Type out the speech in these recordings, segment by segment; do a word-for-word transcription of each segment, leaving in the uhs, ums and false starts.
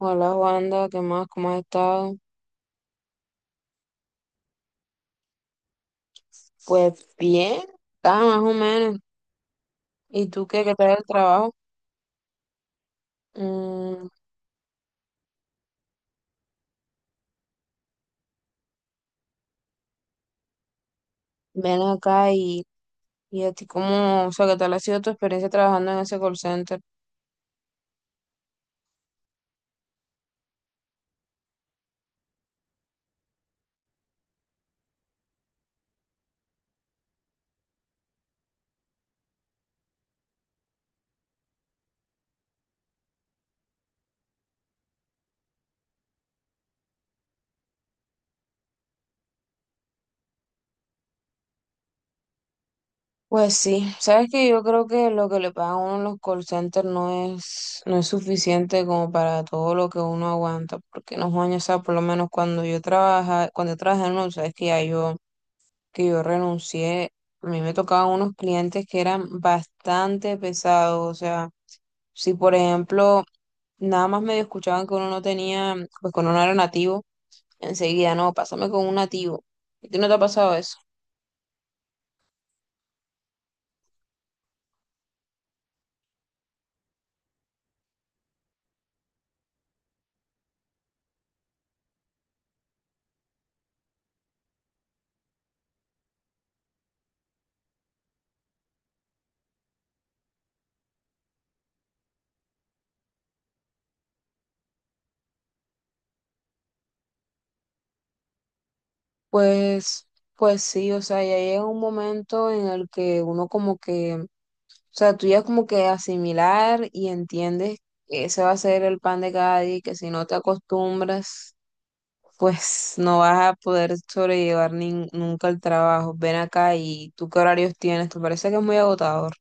Hola Wanda, ¿qué más? ¿Cómo has estado? Pues bien, está más o menos. ¿Y tú qué? ¿Qué tal el trabajo? Mm, ven acá y, y a ti cómo, o sea, ¿qué tal ha sido tu experiencia trabajando en ese call center? Pues sí, sabes que yo creo que lo que le pagan a uno en los call centers no es, no es suficiente como para todo lo que uno aguanta, porque no, Juan, o sea, por lo menos cuando yo trabaja, cuando yo trabajé en uno, sabes que ya yo que yo renuncié, a mí me tocaban unos clientes que eran bastante pesados, o sea, si por ejemplo nada más medio escuchaban que uno no tenía, pues que uno no era nativo, enseguida, no, pásame con un nativo. ¿Y tú no te ha pasado eso? Pues, pues sí, o sea, ya llega un momento en el que uno como que, o sea, tú ya como que asimilar y entiendes que ese va a ser el pan de cada día y que si no te acostumbras pues no vas a poder sobrellevar nin- nunca el trabajo. Ven acá y tú qué horarios tienes, te parece que es muy agotador.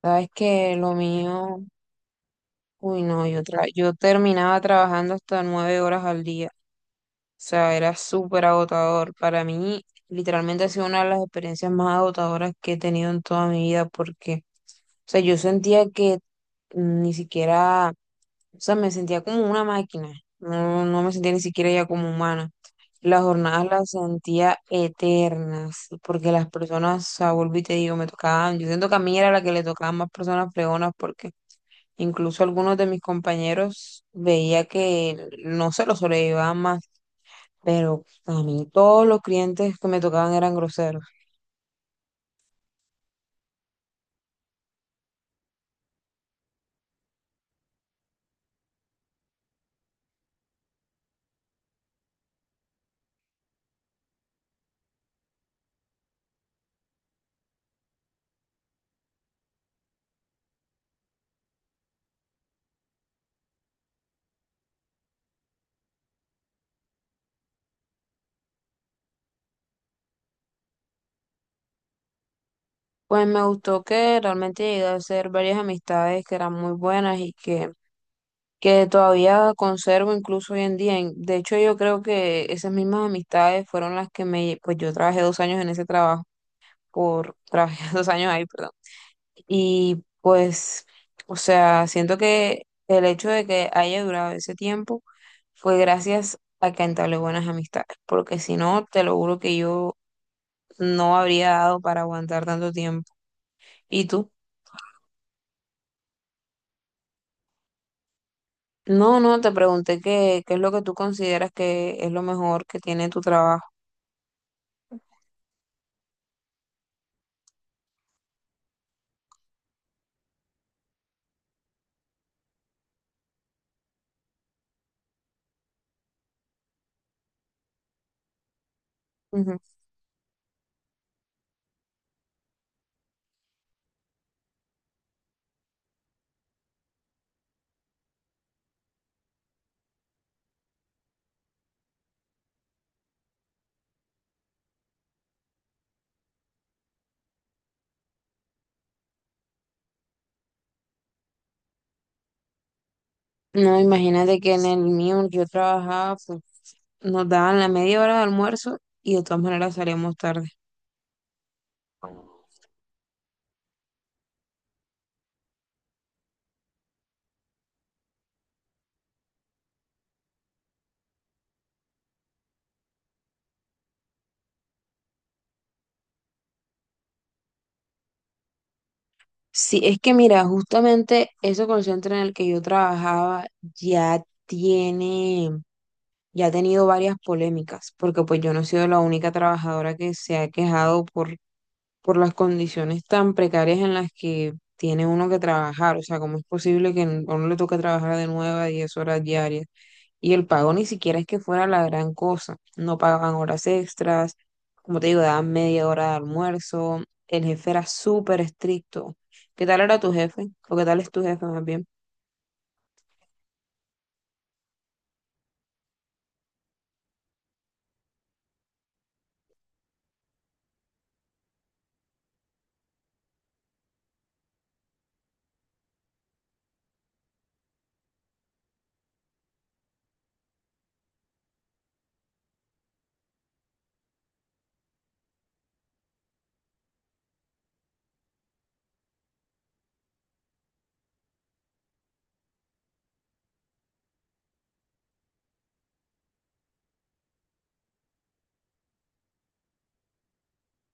Sabes que lo mío, uy no, yo, tra- yo terminaba trabajando hasta nueve horas al día. O sea, era súper agotador. Para mí, literalmente ha sido una de las experiencias más agotadoras que he tenido en toda mi vida porque, o sea, yo sentía que ni siquiera, o sea, me sentía como una máquina. No, no me sentía ni siquiera ya como humana. Las jornadas las sentía eternas, porque las personas, o sea, vuelvo y te digo, me tocaban, yo siento que a mí era la que le tocaban más personas fregonas, porque incluso algunos de mis compañeros veía que no se lo sobrellevaban más, pero a mí todos los clientes que me tocaban eran groseros. Pues me gustó que realmente llegué a hacer varias amistades que eran muy buenas y que que todavía conservo incluso hoy en día. En- De hecho, yo creo que esas mismas amistades fueron las que me, pues yo trabajé dos años en ese trabajo, por, trabajé dos años ahí, perdón. Y pues, o sea, siento que el hecho de que haya durado ese tiempo fue gracias a que entablé buenas amistades, porque si no, te lo juro que yo no habría dado para aguantar tanto tiempo. ¿Y tú? No, no, te pregunté qué, qué es lo que tú consideras que es lo mejor que tiene tu trabajo. Ujú. No, imagínate que en el mío yo trabajaba, pues nos daban la media hora de almuerzo y de todas maneras salíamos tarde. Sí, es que mira, justamente ese call center en el que yo trabajaba ya tiene, ya ha tenido varias polémicas, porque pues yo no he sido la única trabajadora que se ha quejado por, por las condiciones tan precarias en las que tiene uno que trabajar, o sea, ¿cómo es posible que a uno le toque trabajar de nueve a diez horas diarias? Y el pago ni siquiera es que fuera la gran cosa. No pagaban horas extras, como te digo, daban media hora de almuerzo. El jefe era súper estricto. ¿Qué tal era tu jefe? ¿O qué tal es tu jefe más bien?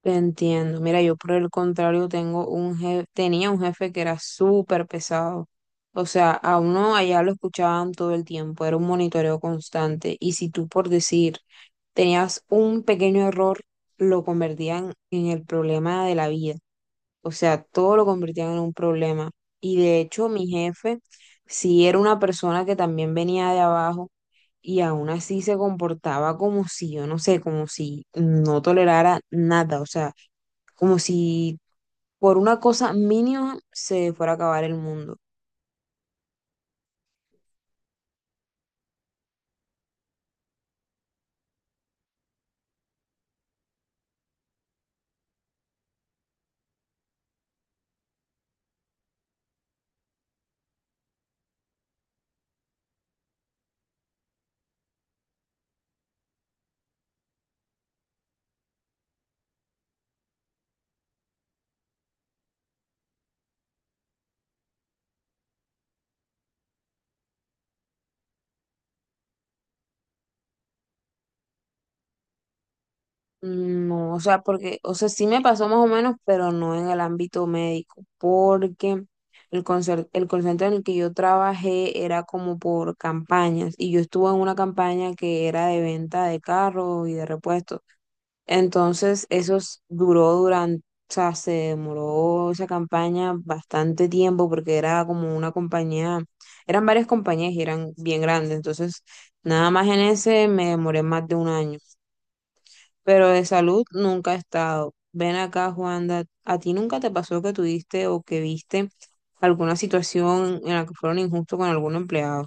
Te entiendo. Mira, yo por el contrario tengo un jefe, tenía un jefe que era súper pesado. O sea, a uno allá lo escuchaban todo el tiempo, era un monitoreo constante. Y si tú por decir tenías un pequeño error, lo convertían en el problema de la vida. O sea, todo lo convirtieron en un problema. Y de hecho, mi jefe sí era una persona que también venía de abajo y aún así se comportaba como si, yo no sé, como si no tolerara nada. O sea, como si por una cosa mínima se fuera a acabar el mundo. No, o sea, porque, o sea, sí me pasó más o menos, pero no en el ámbito médico, porque el concer- el call center en el que yo trabajé era como por campañas y yo estuve en una campaña que era de venta de carros y de repuestos. Entonces, eso s- duró durante, o sea, se demoró esa campaña bastante tiempo porque era como una compañía, eran varias compañías y eran bien grandes, entonces, nada más en ese me demoré más de un año pero de salud nunca he estado. Ven acá, Juanda, ¿a ti nunca te pasó que tuviste o que viste alguna situación en la que fueron injustos con algún empleado?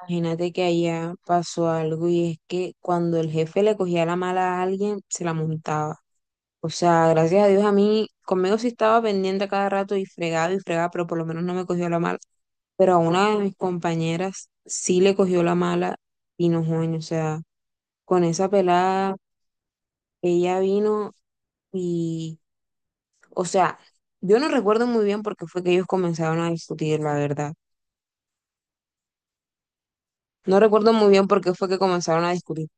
Imagínate que allá pasó algo y es que cuando el jefe le cogía la mala a alguien, se la montaba. O sea, gracias a Dios a mí, conmigo sí estaba pendiente a cada rato y fregaba y fregaba, pero por lo menos no me cogió la mala. Pero a una de mis compañeras sí le cogió la mala y no, joven, o sea, con esa pelada, ella vino y, o sea, yo no recuerdo muy bien por qué fue que ellos comenzaron a discutir, la verdad. No recuerdo muy bien por qué fue que comenzaron a discutir.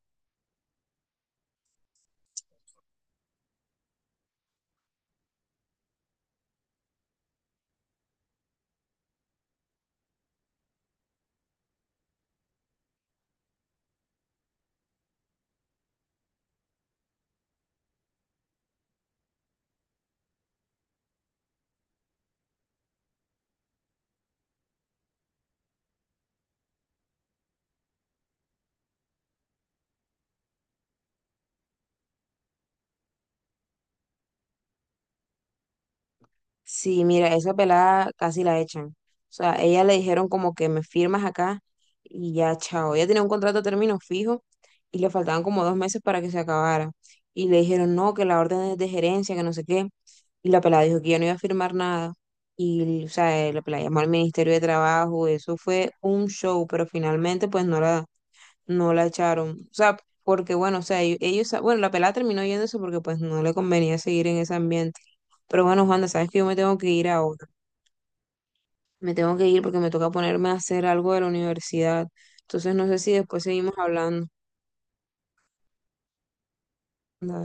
Sí, mira, esa pelada casi la echan. O sea, ella le dijeron como que me firmas acá y ya, chao. Ella tenía un contrato a término fijo y le faltaban como dos meses para que se acabara. Y le dijeron, no, que la orden es de gerencia, que no sé qué. Y la pelada dijo que ya no iba a firmar nada. Y, o sea, eh, la pelada llamó al Ministerio de Trabajo. Eso fue un show, pero finalmente pues no la no la echaron. O sea, porque bueno, o sea, ellos, ellos- bueno, la pelada terminó yéndose porque pues no le convenía seguir en ese ambiente. Pero bueno, Juanda, sabes que yo me tengo que ir ahora. Me tengo que ir porque me toca ponerme a hacer algo de la universidad. Entonces no sé si después seguimos hablando. Dale.